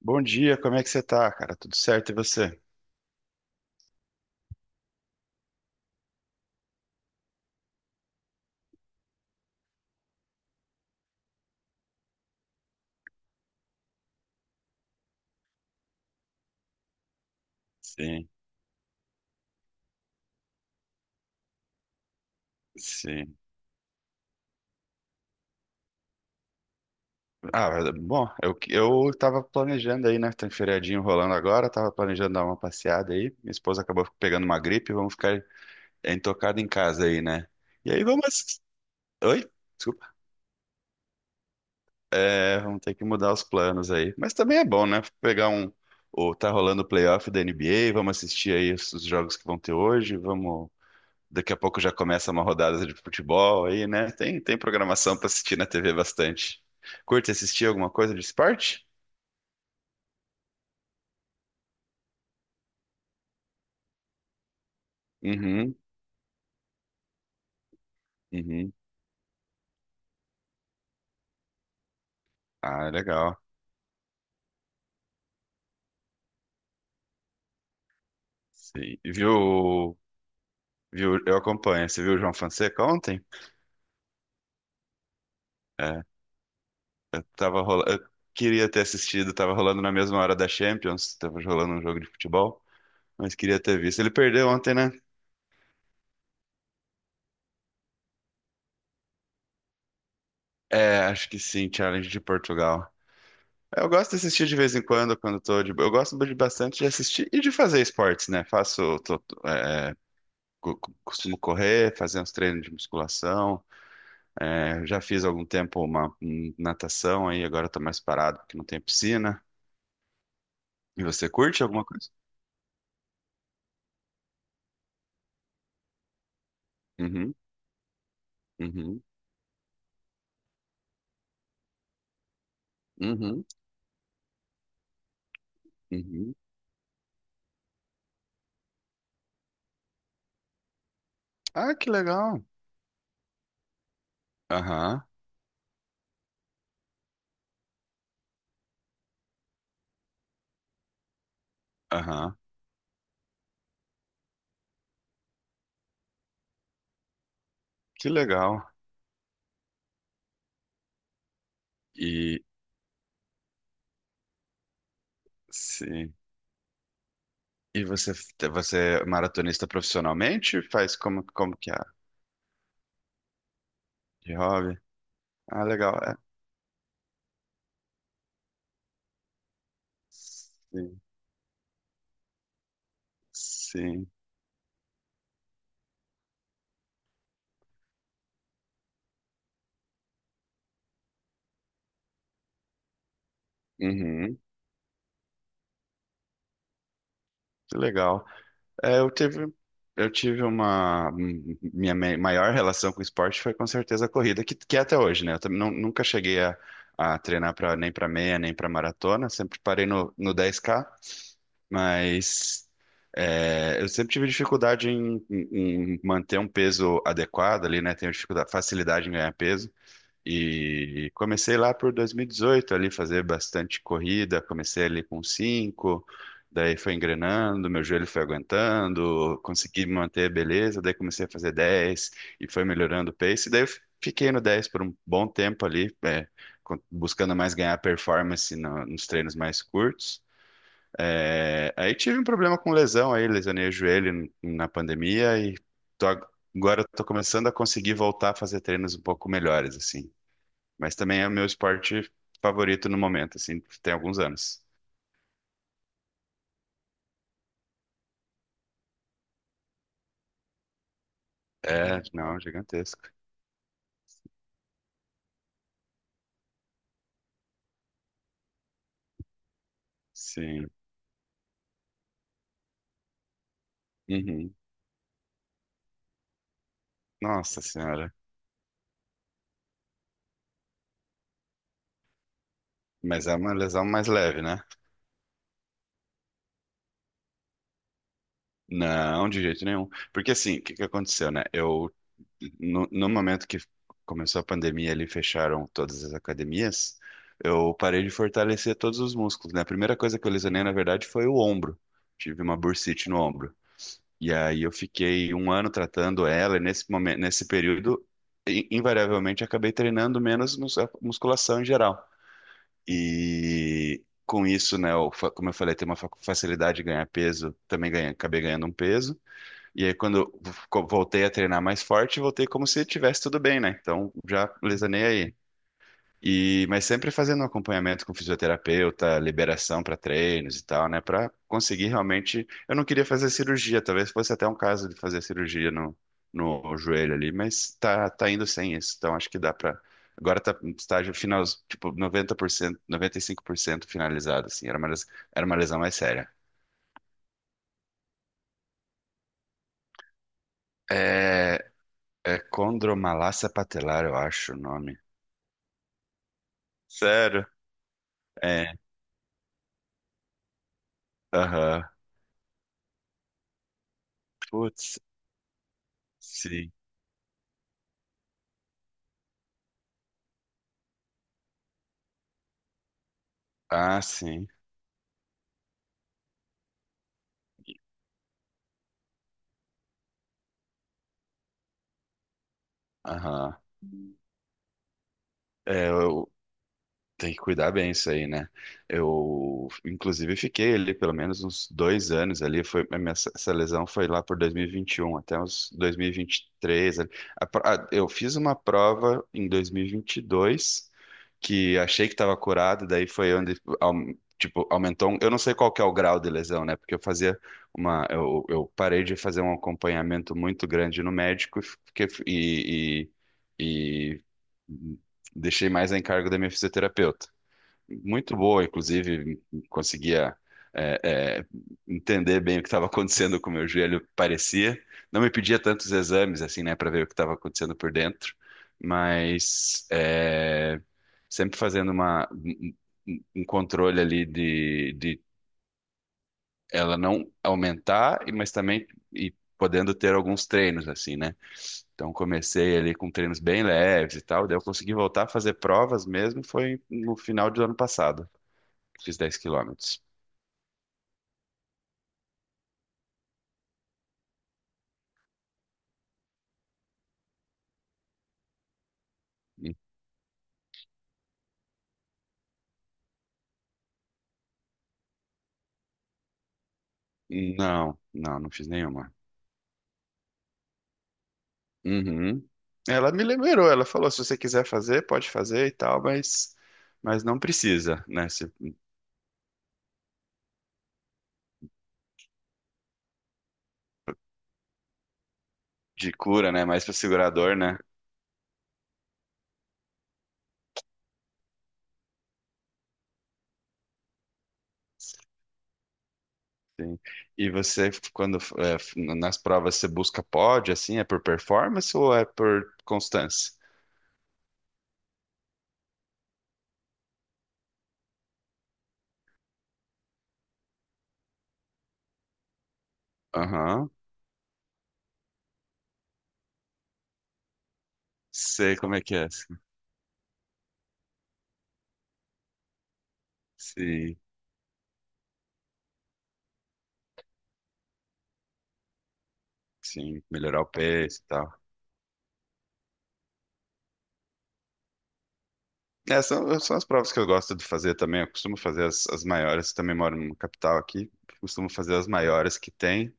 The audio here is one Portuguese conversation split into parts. Bom dia, como é que você tá, cara? Tudo certo e você? Sim, sim. Ah, é, bom, eu tava planejando aí, né? Tem feriadinho rolando agora, tava planejando dar uma passeada aí. Minha esposa acabou pegando uma gripe, vamos ficar entocado em casa aí, né? E aí vamos. Oi? Desculpa. É, vamos ter que mudar os planos aí. Mas também é bom, né? Pegar um. O, tá rolando o playoff da NBA, vamos assistir aí os jogos que vão ter hoje, vamos Daqui a pouco já começa uma rodada de futebol aí, né? Tem programação para assistir na TV bastante. Curte assistir alguma coisa de esporte? Uhum, uhum. Ah, é legal. Sim. Viu, eu acompanho. Você viu o João Fonseca ontem? É, eu queria ter assistido, tava rolando na mesma hora da Champions, tava rolando um jogo de futebol, mas queria ter visto. Ele perdeu ontem, né? É, acho que sim, Challenge de Portugal. Eu gosto de assistir de vez em quando, quando tô de... Eu gosto de bastante de assistir e de fazer esportes, né? Faço, tô- tô, é, co- co- costumo correr, fazer uns treinos de musculação. É, já fiz há algum tempo uma natação aí, agora eu tô mais parado porque não tem piscina. E você curte alguma coisa? Uhum, uhum, uhum, uhum. Ah, que legal. Aham, aham. Que legal. E sim. E você é maratonista profissionalmente? Faz como que é? De hobby? Ah, legal. É, sim, sim. Uhum, que legal. É, eu tive uma. M- Minha maior relação com o esporte foi com certeza a corrida, que é até hoje, né? Eu também nunca cheguei a, treinar pra, nem para meia, nem para maratona, sempre parei no, no 10K, mas é, eu sempre tive dificuldade em manter um peso adequado ali, né? Tenho dificuldade, facilidade em ganhar peso. E comecei lá por 2018 ali fazer bastante corrida, comecei ali com 5, daí foi engrenando, meu joelho foi aguentando, consegui manter a beleza, daí comecei a fazer 10 e foi melhorando o pace, daí fiquei no 10 por um bom tempo ali, é, buscando mais ganhar performance nos treinos mais curtos. É, aí tive um problema com lesão aí, lesionei o joelho na pandemia e tô ag- agora estou começando a conseguir voltar a fazer treinos um pouco melhores assim. Mas também é o meu esporte favorito no momento, assim, tem alguns anos. É, não, gigantesco. Sim. Uhum. Nossa Senhora. Mas é uma lesão mais leve, né? Não, de jeito nenhum. Porque assim, o que que aconteceu, né? Eu, no, no momento que começou a pandemia ali, fecharam todas as academias, eu parei de fortalecer todos os músculos, né? A primeira coisa que eu lesionei, na verdade, foi o ombro. Tive uma bursite no ombro. E aí eu fiquei um ano tratando ela, e nesse momento, nesse período, invariavelmente acabei treinando menos musculação em geral. E com isso, né, como eu falei, tem uma facilidade de ganhar peso, também ganhei, acabei ganhando um peso. E aí quando eu voltei a treinar mais forte, voltei como se tivesse tudo bem, né? Então já lesanei aí. E, mas sempre fazendo um acompanhamento com fisioterapeuta, liberação para treinos e tal, né? Para conseguir realmente. Eu não queria fazer cirurgia, talvez fosse até um caso de fazer cirurgia no joelho ali, mas tá indo sem isso. Então acho que dá para. Agora tá no estágio final, tipo 90%, 95% finalizado, assim. Era uma lesão mais séria. É, é condromalácia patelar, eu acho o nome. Sério? É. Aham. Putz, sim. Ah, sim. Aham. É, eu tenho que cuidar bem isso aí, né? Eu, inclusive, fiquei ali pelo menos uns 2 anos ali. Foi, a minha, essa lesão foi lá por dois mil e vinte e um até uns 2023. Ali. Eu fiz uma prova em dois mil e vinte e dois que achei que estava curado, daí foi onde, aumentou. Eu não sei qual que é o grau de lesão, né? Porque eu parei de fazer um acompanhamento muito grande no médico ee- deixei mais a encargo da minha fisioterapeuta. Muito boa, inclusive, conseguia é, é, entender bem o que estava acontecendo com o meu joelho, parecia. Não me pedia tantos exames, assim, né, para ver o que estava acontecendo por dentro, mas é, sempre fazendo um controle ali de ela não aumentar, mas também podendo ter alguns treinos, assim, né? Então comecei ali com treinos bem leves e tal, daí eu consegui voltar a fazer provas mesmo, foi no final do ano passado, fiz 10 quilômetros. E- Não, não, não fiz nenhuma. Uhum. Ela me lembrou, ela falou, se você quiser fazer, pode fazer e tal, mas, não precisa, né? De cura, né? Mais para segurador, né? E você, quando é, nas provas, você busca pódio, assim, é por performance ou é por constância? Aham. Sei como é que é. Sim, sim, sim, melhorar o pace e tal. É, são as provas que eu gosto de fazer também. Eu costumo fazer as maiores, também moro numa capital aqui. Costumo fazer as maiores que tem.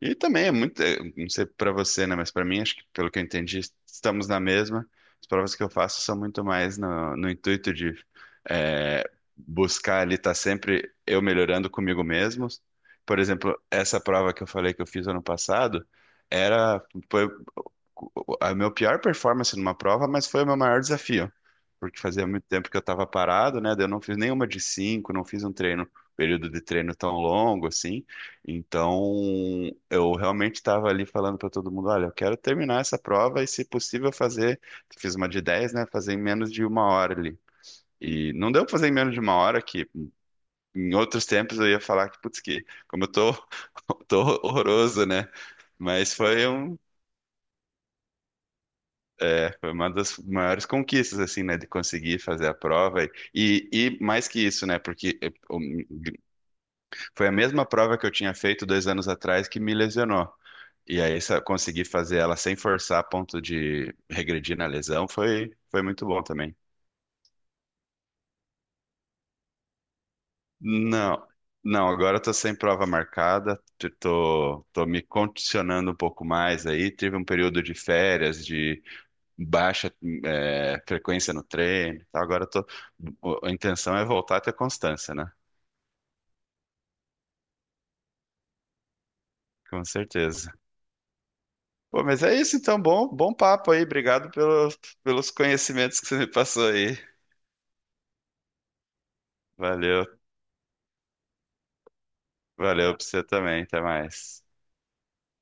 E também é muito, não sei pra você, né, mas pra mim, acho que pelo que eu entendi, estamos na mesma. As provas que eu faço são muito mais no intuito de é, buscar ali estar sempre eu melhorando comigo mesmo. Por exemplo, essa prova que eu falei que eu fiz ano passado era, foi a minha pior performance numa prova, mas foi o meu maior desafio. Porque fazia muito tempo que eu estava parado, né? Daí eu não fiz nenhuma de cinco, não fiz um treino, período de treino tão longo assim. Então, eu realmente estava ali falando para todo mundo: olha, eu quero terminar essa prova e, se possível, fazer. Fiz uma de dez, né? Fazer em menos de uma hora ali. E não deu pra fazer em menos de uma hora, que em outros tempos eu ia falar que, putz, que como eu tô, tô horroroso, né? Mas foi um É, foi uma das maiores conquistas, assim, né, de conseguir fazer a prova. E mais que isso, né, porque foi a mesma prova que eu tinha feito 2 anos atrás que me lesionou. E aí, conseguir fazer ela sem forçar a ponto de regredir na lesão foi muito bom também. Não, não, agora eu tô sem prova marcada, tô me condicionando um pouco mais aí. Tive um período de férias, de baixa frequência no treino. E agora a intenção é voltar a ter constância, né? Com certeza. Pô, mas é isso então, bom, bom papo aí. Obrigado pelo, pelos conhecimentos que você me passou aí. Valeu, valeu pra você também. Até mais.